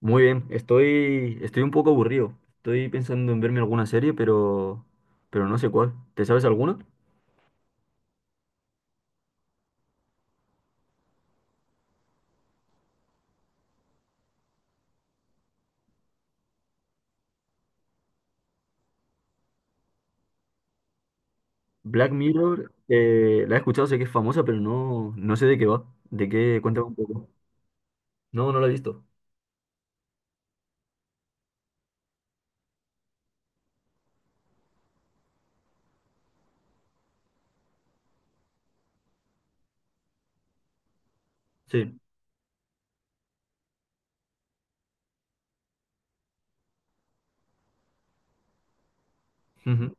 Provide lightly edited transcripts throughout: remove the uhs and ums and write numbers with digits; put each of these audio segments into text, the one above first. Muy bien, estoy un poco aburrido. Estoy pensando en verme alguna serie, pero no sé cuál. ¿Te sabes alguna? Black Mirror, la he escuchado, sé que es famosa, pero no sé de qué va. ¿De qué? Cuéntame un poco. No, no la he visto. Sí, ujú,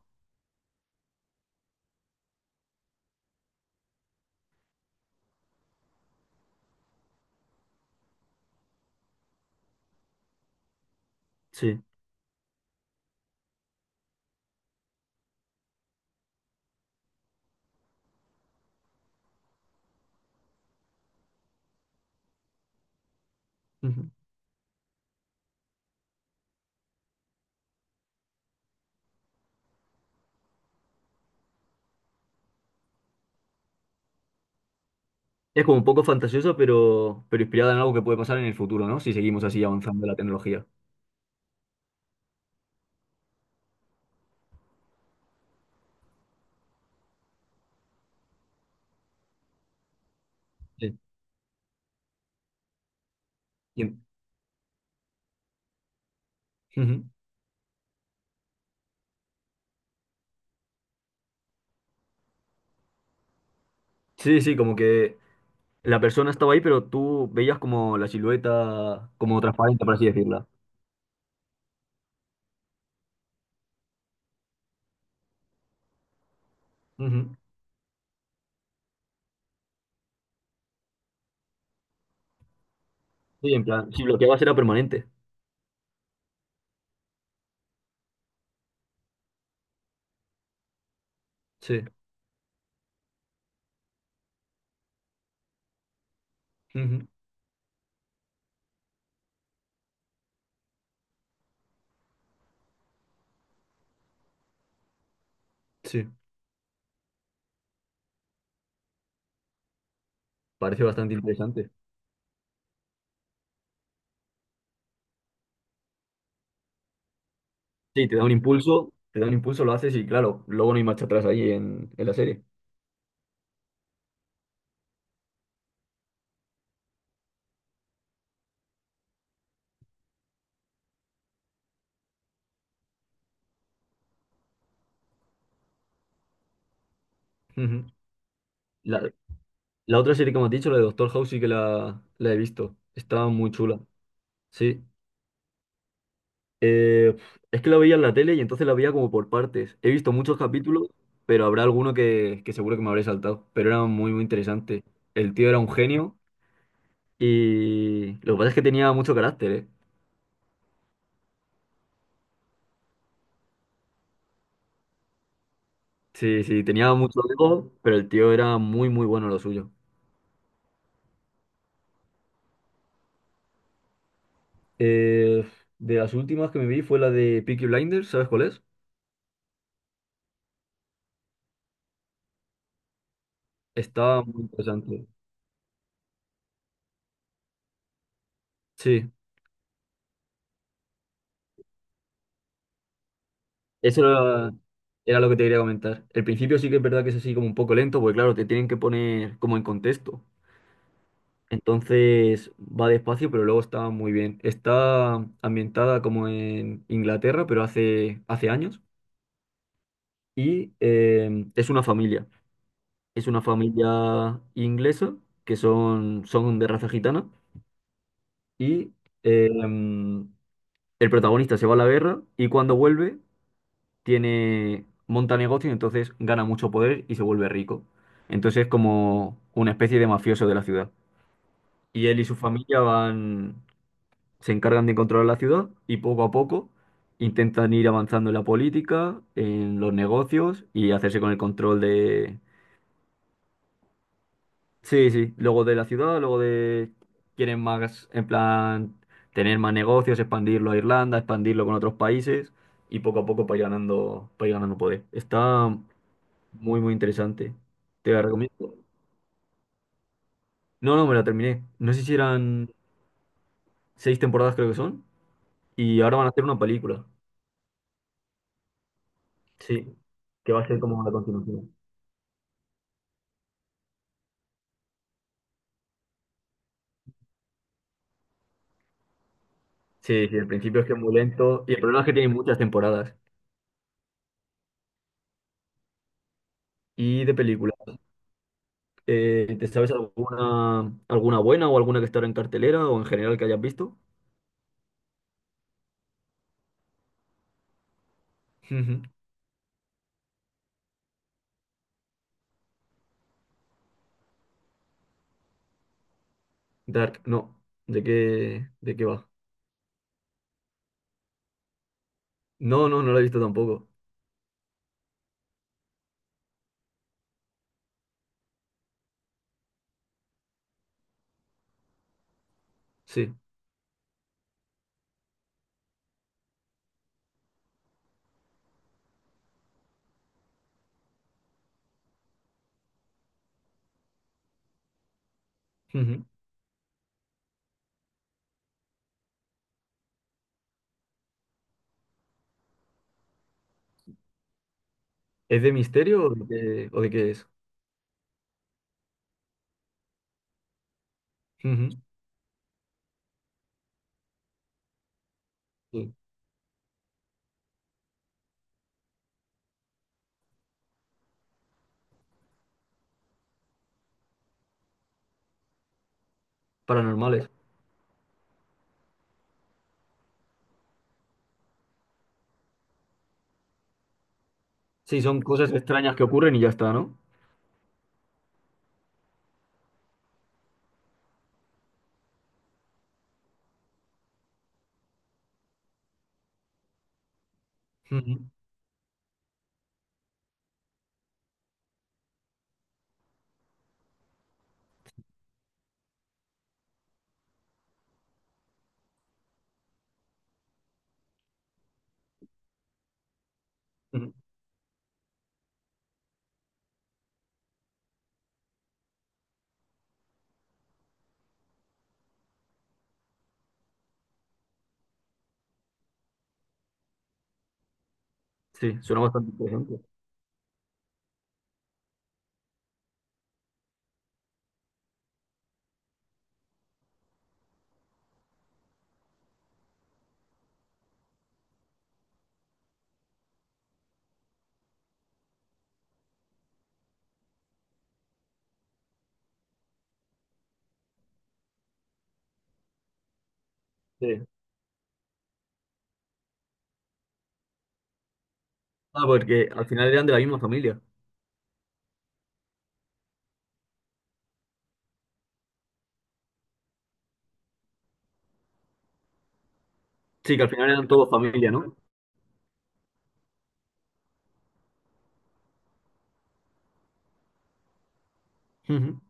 sí. ujú. Es como un poco fantasiosa, pero inspirada en algo que puede pasar en el futuro, ¿no? Si seguimos así avanzando la tecnología. Sí. Y en- ujú. Sí, sí, como que la persona estaba ahí, pero tú veías como la silueta, como transparente, por así decirla. Ujú. Sí, en plan, si bloqueabas era permanente. Sí, ujú, sí. Parece bastante interesante. Sí, te da un impulso, te da un impulso, lo haces y claro, luego no hay marcha atrás ahí en la serie. Ujú. La, la otra serie que me has dicho, la de Doctor House, sí que la he visto. Estaba muy chula. Sí. Eh, es que la veía en la tele y entonces la veía como por partes. He visto muchos capítulos, pero habrá alguno que seguro que me habré saltado. Pero era muy, muy interesante. El tío era un genio y lo que pasa es que tenía mucho carácter, ¿eh? Sí, sí, tenía mucho ego, pero el tío era muy, muy bueno en lo suyo. Eh, de las últimas que me vi fue la de Peaky Blinders, ¿sabes cuál es? Estaba muy interesante. Sí, eso era lo que te quería comentar. El principio sí que es verdad que es así como un poco lento, porque claro, te tienen que poner como en contexto. Entonces va despacio, pero luego está muy bien. Está ambientada como en Inglaterra, pero hace años. Y es una familia. Es una familia inglesa que son de raza gitana y eh, em, el protagonista se va a la guerra y cuando vuelve monta negocio y entonces gana mucho poder y se vuelve rico. Entonces es como una especie de mafioso de la ciudad. Y él y su familia se encargan de controlar la ciudad y poco a poco intentan ir avanzando en la política, en los negocios y hacerse con el control de... Sí, sí, luego de la ciudad, luego de... Quieren más, en plan, tener más negocios, expandirlo a Irlanda, expandirlo con otros países y poco a poco para ir ganando poder. Está muy, muy interesante. Te la recomiendo. No, no, me la terminé. No sé si eran seis temporadas, creo que son, y ahora van a hacer una película. Sí, que va a ser como la continuación. Sí, sí, el principio es que es muy lento y el problema es que tiene muchas temporadas y de película. ¿Te sabes alguna, alguna buena o alguna que estará en cartelera o en general que hayas visto? Ujú. Dark, no. ¿De qué va? No, no, no la he visto tampoco. Sí. Ujú. ¿Es de misterio o de qué es? Ujú. Sí. Paranormales. Sí, son cosas extrañas que ocurren y ya está, ¿no? Ujú. Ujú. Sí, suena bastante interesante. Sí. Ah, porque al final eran de la misma familia. Sí, que al final eran todos familia, ¿no? Ujú.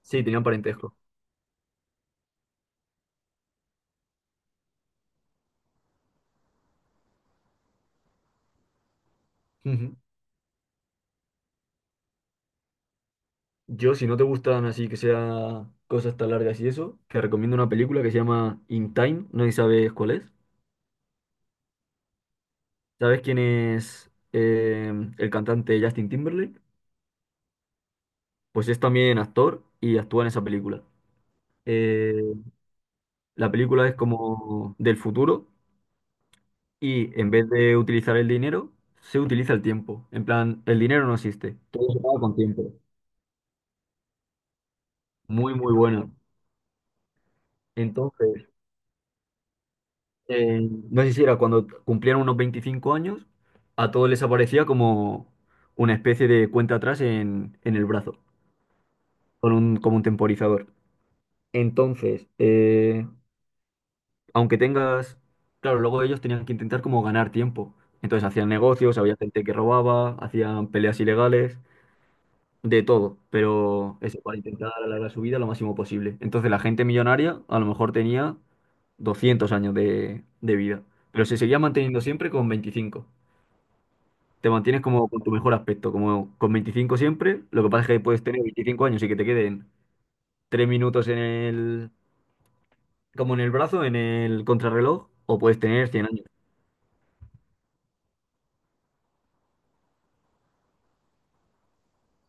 Sí, tenían parentesco. Ujú. Yo, si no te gustan así que sea cosas tan largas y eso, te recomiendo una película que se llama In Time, no sé si sabes cuál es. ¿Sabes quién es el cantante Justin Timberlake? Pues es también actor y actúa en esa película. Eh, la película es como del futuro y en vez de utilizar el dinero, se utiliza el tiempo. En plan, el dinero no existe, todo se paga con tiempo. Muy, muy buena. Entonces, no sé si era cuando cumplían unos 25 años, a todos les aparecía como una especie de cuenta atrás en el brazo, como un temporizador. Entonces, aunque tengas, claro, luego ellos tenían que intentar como ganar tiempo. Entonces hacían negocios, había gente que robaba, hacían peleas ilegales, de todo, pero eso, para intentar alargar su vida lo máximo posible. Entonces la gente millonaria a lo mejor tenía 200 años de vida, pero se seguía manteniendo siempre con 25. Te mantienes como con tu mejor aspecto, como con 25 siempre. Lo que pasa es que puedes tener 25 años y que te queden 3 minutos en como en el brazo, en el contrarreloj, o puedes tener 100 años.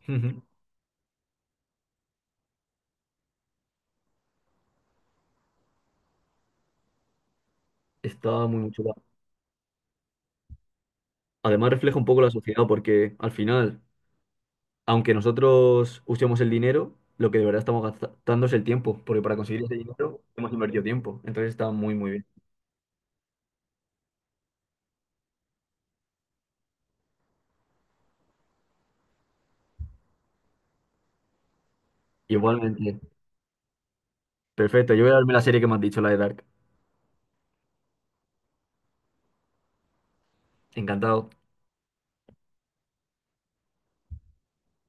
Ujú. Está muy muy chula. Además refleja un poco la sociedad porque al final, aunque nosotros usemos el dinero, lo que de verdad estamos gastando es el tiempo, porque para conseguir ese dinero hemos invertido tiempo. Entonces está muy muy bien. Igualmente. Perfecto, yo voy a darme la serie que me has dicho, la de Dark. Encantado.